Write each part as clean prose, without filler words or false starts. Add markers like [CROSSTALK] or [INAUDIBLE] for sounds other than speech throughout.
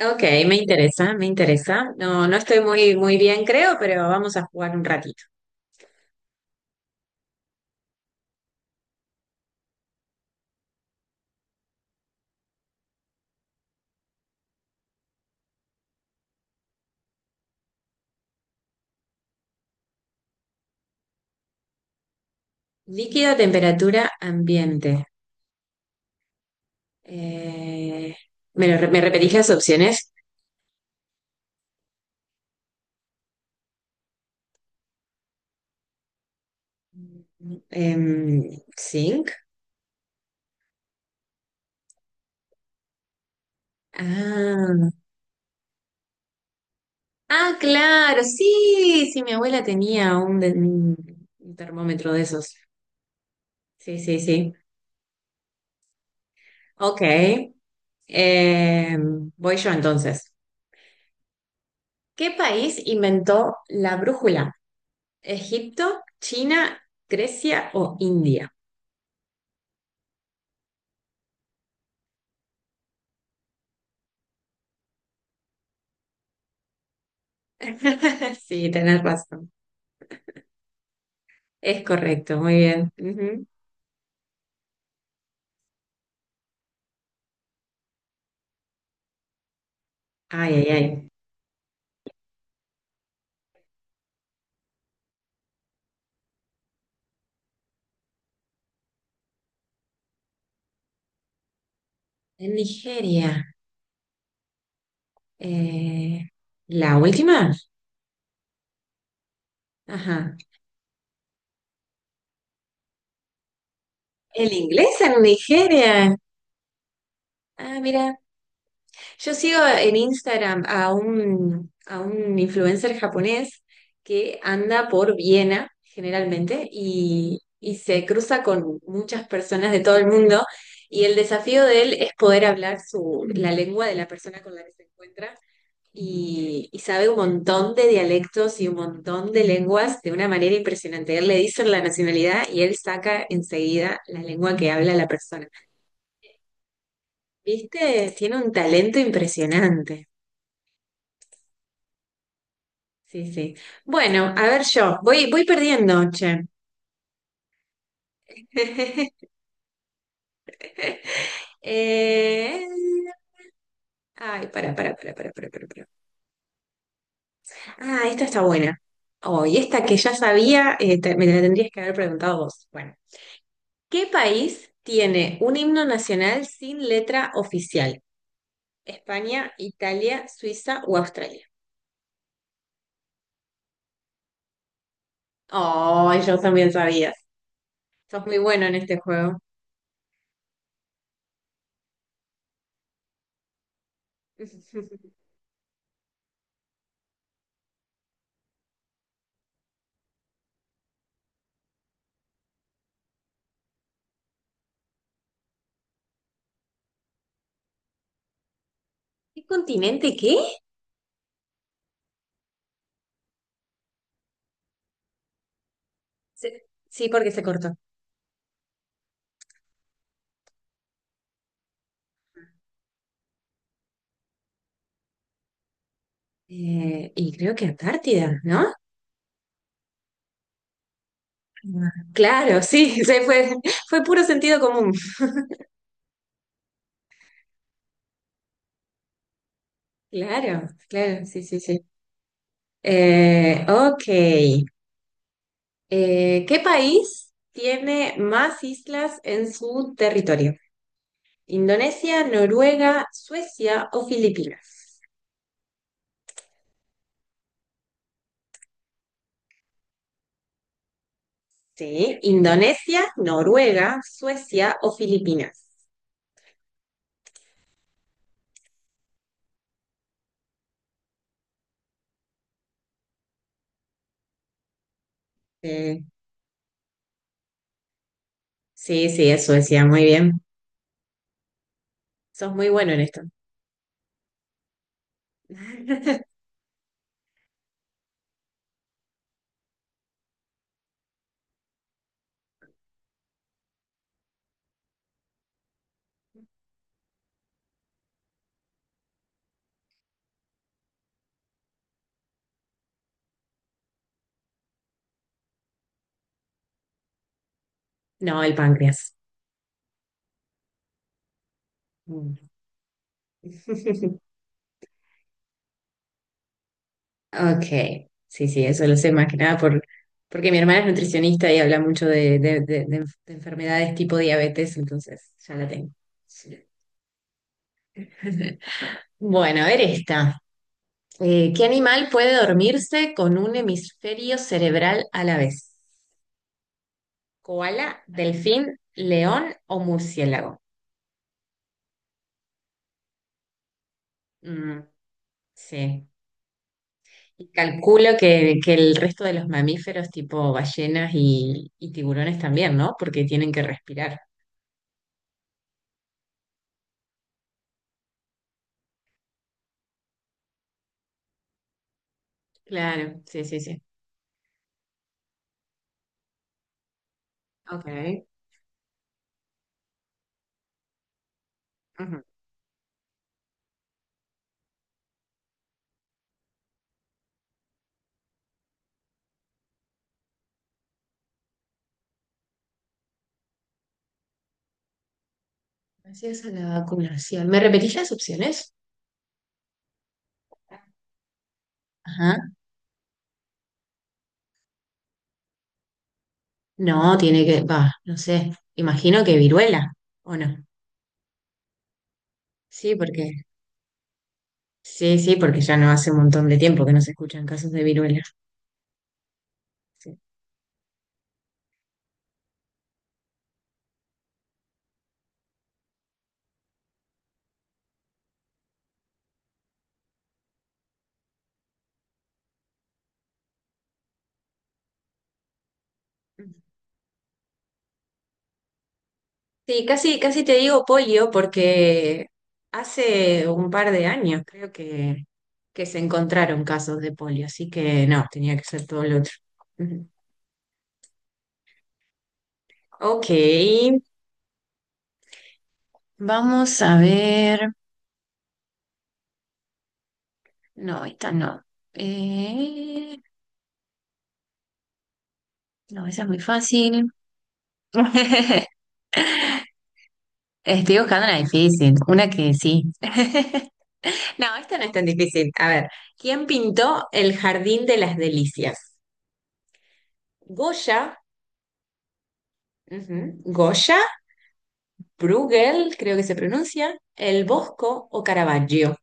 Ok, me interesa, me interesa. No, no estoy muy, muy bien, creo, pero vamos a jugar un ratito. Líquido, temperatura, ambiente. Eh, ¿Me repetís las opciones? Em, zinc. Ah, ah, claro, sí, sí, mi abuela tenía un termómetro de esos. Sí, sí, sí. Ok. Voy yo entonces. ¿Qué país inventó la brújula? Egipto, China, Grecia o India. [LAUGHS] Sí, tenés razón. Es correcto, muy bien. Ujú. Ay, ay, ay. En Nigeria. eh, ¿La última? Ajá. ¿El inglés en Nigeria? Ah, mira. Yo sigo en Instagram a un influencer japonés que anda por Viena generalmente y se cruza con muchas personas de todo el mundo y el desafío de él es poder hablar la lengua de la persona con la que se encuentra y sabe un montón de dialectos y un montón de lenguas de una manera impresionante. Él le dice la nacionalidad y él saca enseguida la lengua que habla la persona. ¿Viste? Tiene un talento impresionante. Sí, sí. Bueno, a ver yo. Voy perdiendo, che. [LAUGHS] Eh, Ay, para, para. Ah, esta está buena. Oh, y esta que ya sabía, me la tendrías que haber preguntado vos. Bueno, ¿qué país tiene un himno nacional sin letra oficial? ¿España, Italia, Suiza o Australia? Oh, yo también sabías. Sos muy bueno en este juego. [LAUGHS] ¿Qué continente qué? Se- Sí, porque se cortó. Y creo que Antártida, ¿no? Claro, sí, [LAUGHS] fue puro sentido común. Claro, claro, sí, sí, sí. Ok. ¿Qué país tiene más islas en su territorio? ¿Indonesia, Noruega, Suecia o Filipinas? Sí, Indonesia, Noruega, Suecia o Filipinas. Eh, sí, sí, es Suecia, muy bien. Sos muy bueno en esto. [LAUGHS] No, el páncreas. Mm. [LAUGHS] Ok, sí, sí, eso lo sé más que nada porque mi hermana es nutricionista y habla mucho de enfermedades tipo diabetes, entonces ya la tengo. Sí. [LAUGHS] Bueno, a ver esta. ¿Qué animal puede dormirse con un hemisferio cerebral a la vez? ¿Koala, delfín, león o murciélago? Mm, sí. Y calculo que el resto de los mamíferos tipo ballenas y tiburones también, ¿no? Porque tienen que respirar. Claro, sí, sí, sí. Ok. Ujú. Gracias a la vacunación. ¿Me repetís las opciones? Ajá. No, tiene que, va, no sé. Imagino que viruela, ¿o no? Sí, sí, sí, porque ya no hace un montón de tiempo que no se escuchan casos de viruela. Sí, sí, casi, casi te digo polio porque hace un par de años creo que se encontraron casos de polio, así que no, tenía que ser todo lo otro. Ujú. Ok, vamos a ver. No, esta no. Eh, no, esa es muy fácil. [LAUGHS] Estoy buscando una difícil, una que sí. [LAUGHS] No, esta no es tan difícil. A ver, ¿quién pintó el Jardín de las Delicias? Goya, ujú, Goya, Bruegel, creo que se pronuncia, El Bosco o Caravaggio.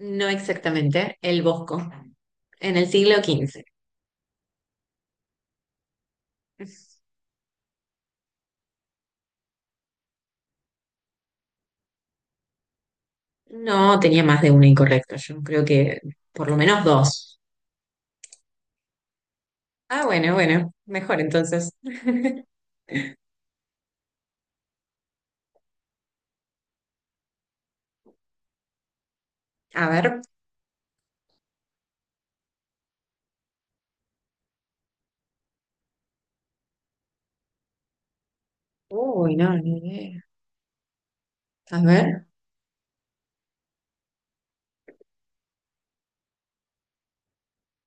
No exactamente, El Bosco, en el siglo XV. No tenía más de uno incorrecto, yo creo que por lo menos dos. Ah, bueno, bueno, mejor entonces. [LAUGHS] A ver. Uy, no, ni idea. A ver.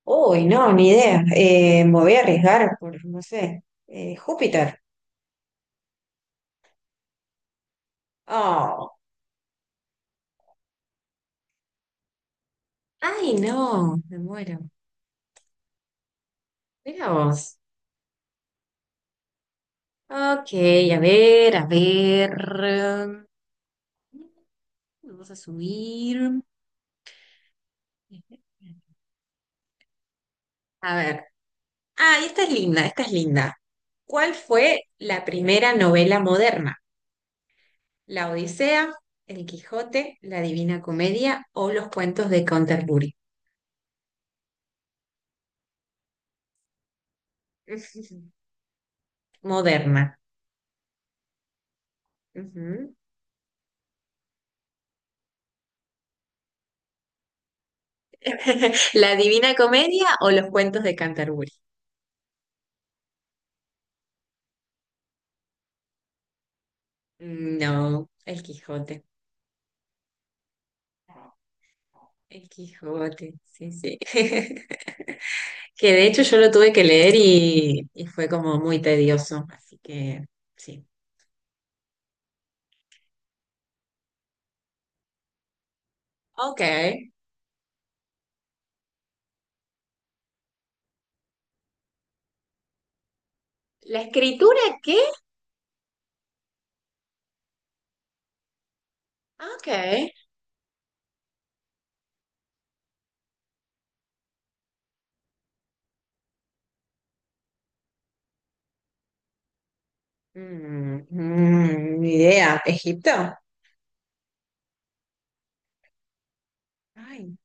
Uy, no, ni idea. Me voy a arriesgar por, no sé, Júpiter. Oh. Ay, no, me muero. Mira vos. Ok, a ver, a ver. Mm, Vamos a subir. A ver. Ah, esta es linda, esta es linda. ¿Cuál fue la primera novela moderna? ¿La Odisea, El Quijote, La Divina Comedia o los cuentos de Canterbury? [LAUGHS] Moderna. Ujú. [LAUGHS] ¿La Divina Comedia o los cuentos de Canterbury? No, el Quijote. El Quijote, sí, sí. [LAUGHS] Que de hecho yo lo tuve que leer y fue como muy tedioso, así que sí. Ok. ¿La escritura qué? Ok. Mm, mm, ni idea. ¿Egipto? Ay.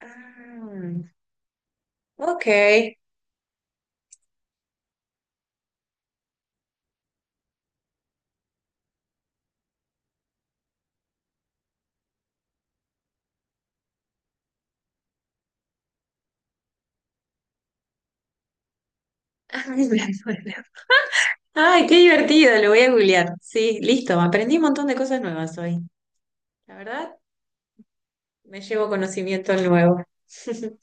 Ah, ok. [LAUGHS] Ay, me acuerdo. Ay, qué divertido, lo voy a googlear. Sí, listo, aprendí un montón de cosas nuevas hoy. La verdad, me llevo conocimiento nuevo. [LAUGHS]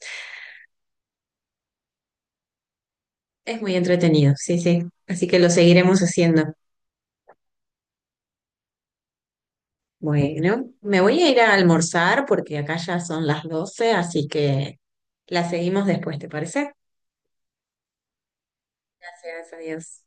Es muy entretenido, sí, sí. Así que lo seguiremos haciendo. Bueno, me voy a ir a almorzar porque acá ya son las 12:00, así que la seguimos después, ¿te parece? Gracias, adiós.